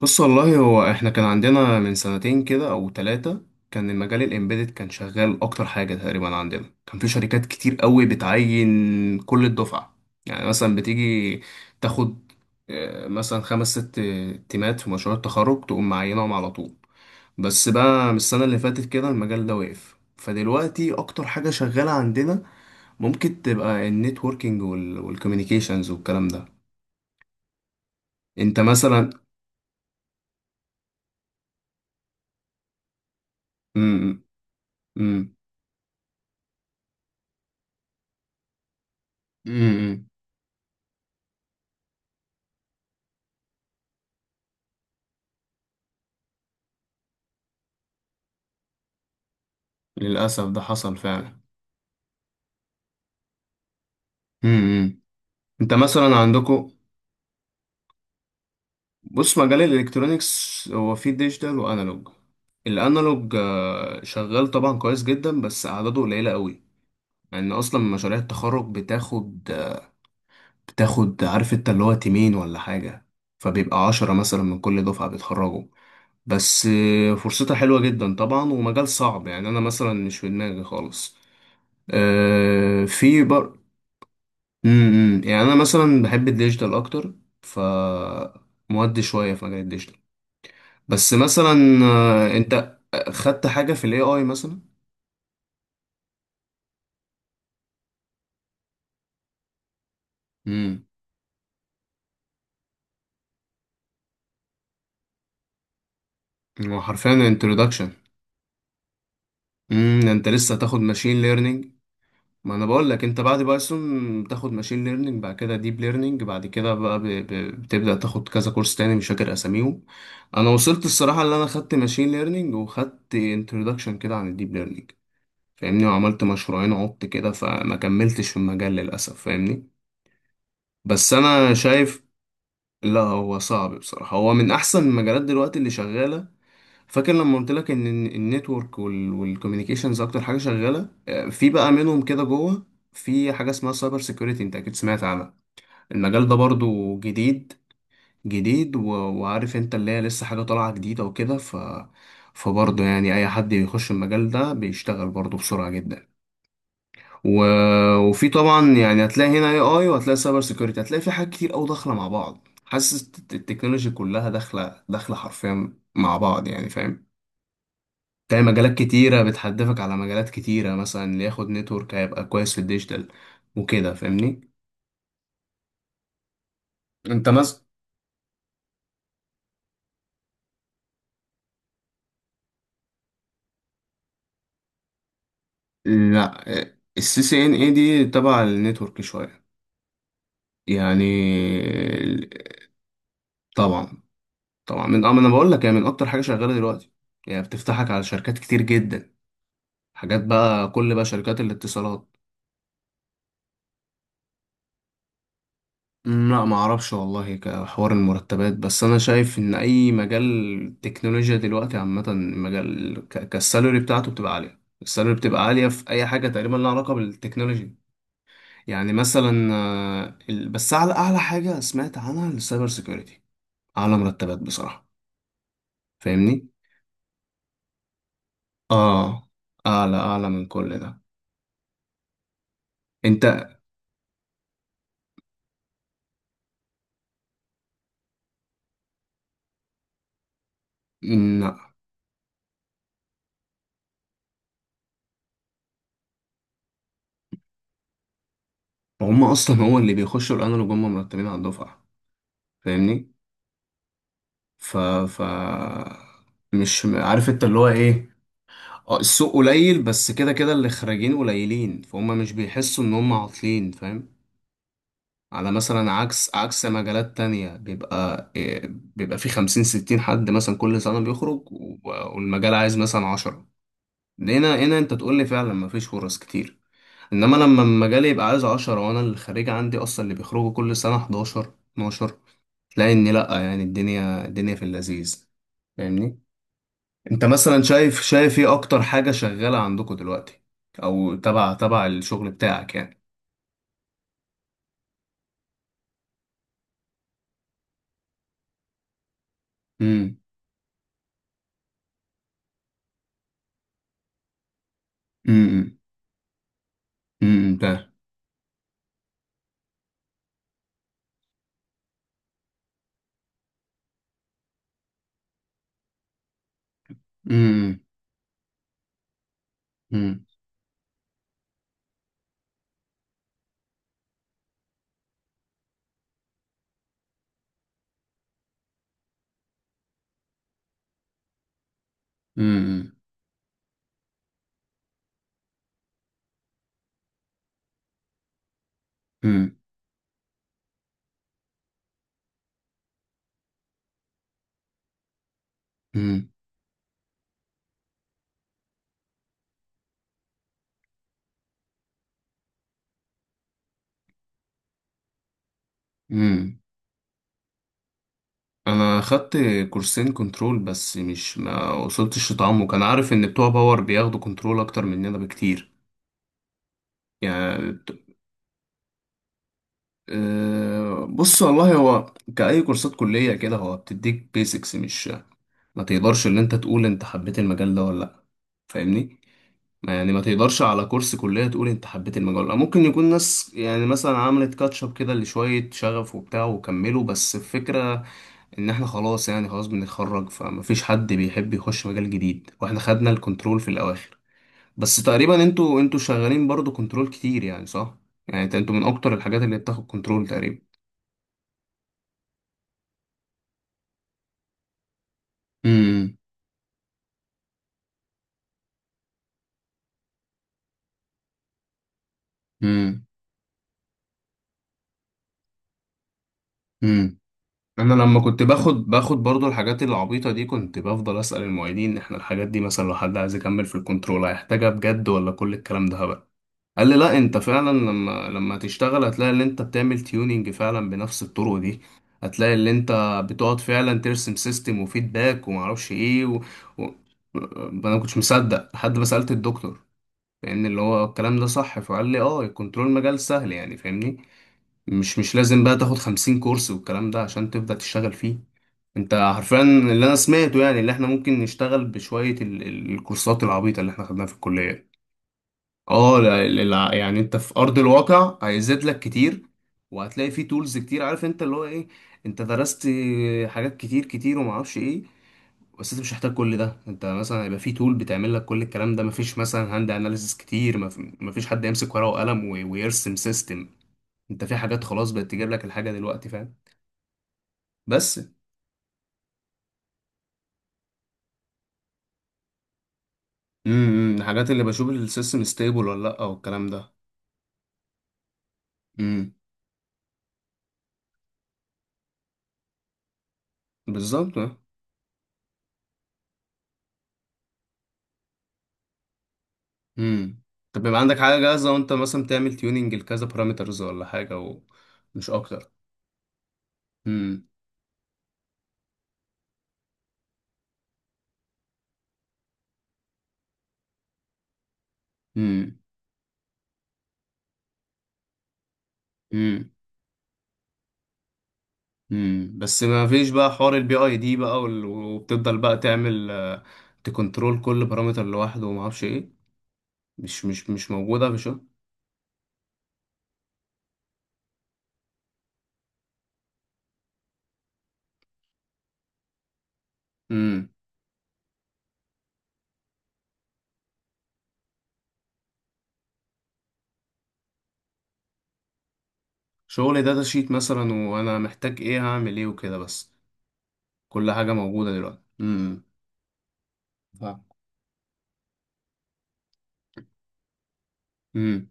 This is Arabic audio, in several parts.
بص، والله هو احنا كان عندنا من سنتين كده او ثلاثة. كان المجال الامبيدد كان شغال اكتر حاجة تقريبا عندنا، كان في شركات كتير قوي بتعين كل الدفعة. يعني مثلا بتيجي تاخد، مثلا 5 6 تيمات في مشروع التخرج تقوم معينهم على طول. بس بقى من السنة اللي فاتت كده المجال ده وقف، فدلوقتي أكتر حاجة شغالة عندنا ممكن تبقى النتوركينج والكوميونيكيشنز والكلام ده. أنت مثلا. مم، مم، مم، للأسف ده حصل فعلا. امم، انت مثلا عندكم. بص، مجال الالكترونيكس هو فيه ديجيتال وانالوج. الانالوج شغال طبعا كويس جدا، بس اعداده قليلة قوي، لان اصلا مشاريع التخرج بتاخد عارف انت اللي هو تيمين ولا حاجة، فبيبقى 10 مثلا من كل دفعة بيتخرجوا. بس فرصتها حلوة جدا طبعا، ومجال صعب يعني انا مثلا مش في دماغي خالص. آه، في بر... امم، يعني انا مثلا بحب الديجيتال اكتر. ف مودي شويه في مجال الديجيتال بس مثلا، انت خدت حاجه في الاي اي مثلا. امم، هو حرفيا انترودكشن. امم، ده انت لسه تاخد ماشين ليرنينج. ما انا بقول لك انت بعد بايثون تاخد ماشين ليرنينج بعد كده ديب ليرنينج بعد كده بقى بتبدا تاخد كذا كورس تاني مش فاكر اساميهم. انا وصلت الصراحه اللي انا خدت ماشين ليرنينج وخدت انترودكشن كده عن الديب ليرنينج، فاهمني، وعملت مشروعين عبت كده فما كملتش في المجال للأسف، فاهمني. بس أنا شايف، لا هو صعب بصراحة، هو من أحسن المجالات دلوقتي اللي شغالة. فاكر لما قلت لك إن النتورك والكوميونيكيشنز أكتر حاجة شغالة؟ في بقى منهم كده جوه في حاجة اسمها سايبر سيكيورتي، أنت أكيد سمعت عنها. المجال ده برضو جديد، جديد و- وعارف أنت اللي هي لسه حاجة طالعة جديدة وكده. فبرضه يعني أي حد بيخش المجال ده بيشتغل برضه بسرعة جدا. و... وفي طبعا يعني هتلاقي هنا اي اي وهتلاقي سايبر سيكيورتي، هتلاقي في حاجات كتير قوي داخله مع بعض. حاسس التكنولوجي كلها داخله داخله حرفيا مع بعض، يعني فاهم. تلاقي مجالات كتيره بتحدفك على مجالات كتيره، مثلا اللي ياخد نتورك هيبقى كويس في الديجيتال وكده، فاهمني. انت مثلا. لا، السي سي ان اي دي تبع النتورك شويه. يعني طبعا، طبعا من اه ما انا بقول لك يعني من اكتر حاجه شغاله دلوقتي. يعني بتفتحك على شركات كتير جدا، حاجات بقى كل بقى شركات الاتصالات. أمم، لا ما اعرفش والله كحوار المرتبات، بس انا شايف ان اي مجال تكنولوجيا دلوقتي عامه مجال كالسالوري بتاعته بتبقى عاليه، السالوري بتبقى عاليه في اي حاجه تقريبا لها علاقه بالتكنولوجي. يعني مثلا بس اعلى اعلى حاجه سمعت عنها السايبر سيكيورتي، اعلى مرتبات بصراحه. فاهمني، اه، اعلى اعلى من كل ده. انت. مم، لا. هم اصلا هو اللي بيخشوا الانالوج هم مرتبين على الدفعه، فاهمني. ف ف مش عارف انت اللي هو ايه. اه السوق قليل، بس كده كده اللي خارجين قليلين، فهم مش بيحسوا ان هم عاطلين، فاهم. على مثلا عكس مجالات تانية بيبقى بيبقى في 50 60 حد مثلا كل سنة بيخرج والمجال عايز مثلا 10. هنا انت تقول لي فعلا مفيش فرص كتير. انما لما المجال يبقى عايز 10 وانا اللي خارج عندي اصلا اللي بيخرجوا كل سنة 11 12، تلاقي ان لأ يعني الدنيا الدنيا في اللذيذ، فاهمني. انت مثلا شايف ايه اكتر حاجة شغالة عندكم دلوقتي، او تبع الشغل بتاعك يعني. امم، امم، امم، ده امم، امم، امم، امم، امم، امم، انا خدت كورسين كنترول، بس مش ما وصلتش لتعمق، انا عارف ان بتوع باور بياخدوا كنترول اكتر مننا بكتير. يعني، بص والله هو كأي كورسات كلية كده هو بتديك بيسكس، مش ما تقدرش ان انت تقول انت حبيت المجال ده ولا لا، فاهمني. ما يعني ما تقدرش على كورس كلية تقول انت حبيت المجال ولا لا. ممكن يكون ناس يعني مثلا عملت كاتشب كده لشوية شغف وبتاع وكملوا، بس الفكرة ان احنا خلاص يعني خلاص بنتخرج، فما فيش حد بيحب يخش مجال جديد، واحنا خدنا الكنترول في الاواخر. بس تقريبا انتوا شغالين برضو كنترول كتير يعني، صح؟ يعني انتوا من اكتر الحاجات اللي بتاخد كنترول تقريبا. امم، امم، امم، انا لما كنت باخد برضو الحاجات العبيطه دي كنت بفضل اسال المعيدين، احنا الحاجات دي مثلا لو حد عايز يكمل في الكنترول هيحتاجها بجد، ولا كل الكلام ده هبل؟ قال لي لا، انت فعلا لما تشتغل هتلاقي ان انت بتعمل تيوننج فعلا بنفس الطرق دي. هتلاقي ان انت بتقعد فعلا ترسم سيستم وفيدباك ومعرفش ايه. و... انا ما كنتش مصدق لحد ما سالت الدكتور، لان اللي هو الكلام ده صح، فقال لي اه الكنترول مجال سهل يعني، فاهمني. مش لازم بقى تاخد 50 كورس والكلام ده عشان تبدأ تشتغل فيه. انت حرفيا اللي انا سمعته يعني اللي احنا ممكن نشتغل بشوية الكورسات العبيطة اللي احنا خدناها في الكلية. اه لا- لا- لا، يعني انت في ارض الواقع هيزيد لك كتير، وهتلاقي فيه تولز كتير، عارف انت اللي هو ايه. انت درست حاجات كتير كتير وما اعرفش ايه، بس انت مش محتاج كل ده. انت مثلا هيبقى في تول بتعمل لك كل الكلام ده، مفيش مثلا هاند اناليسيس كتير، مفيش حد يمسك ورقة وقلم ويرسم سيستم. انت في حاجات خلاص بقت تجيب لك الحاجه دلوقتي، فاهم. بس امم، الحاجات اللي بشوف السيستم ستيبل ولا لا والكلام ده. امم، بالظبط اه. امم، طب يبقى عندك حاجه جاهزه وانت مثلا تعمل تيوننج لكذا بارامترز ولا حاجه، ومش اكتر. امم، امم، امم، امم، بس ما فيش بقى حوار البي اي دي بقى، وبتفضل بقى تعمل، تكنترول كل بارامتر لوحده وما اعرفش ايه. مش موجوده في شغل. امم، شغل داتا شيت مثلا، وانا محتاج ايه هعمل ايه وكده بس. كل حاجة موجودة دلوقتي، امم، فاهم. امم،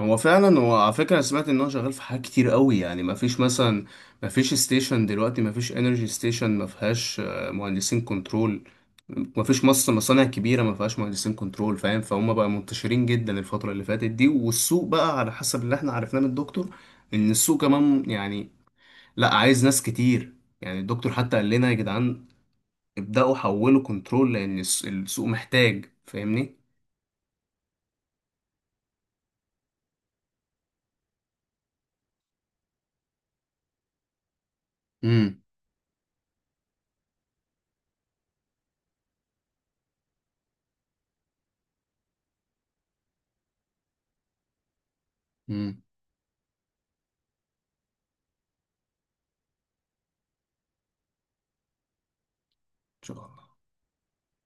هو فعلا هو على فكرة أنا سمعت ان هو شغال في حاجات كتير قوي، يعني ما فيش مثلا ما فيش ستيشن دلوقتي، ما فيش انرجي ستيشن ما فيهاش مهندسين كنترول. ما فيش مصر مصانع كبيرة ما فيهاش مهندسين كنترول، فاهم، فهم بقى منتشرين جدا الفترة اللي فاتت دي. والسوق بقى على حسب اللي احنا عرفناه من الدكتور ان السوق كمان يعني لا، عايز ناس كتير. يعني الدكتور حتى قال لنا يا جدعان ابدأوا حولوا كنترول لان السوق محتاج، فاهمني. امم، ان شاء الله.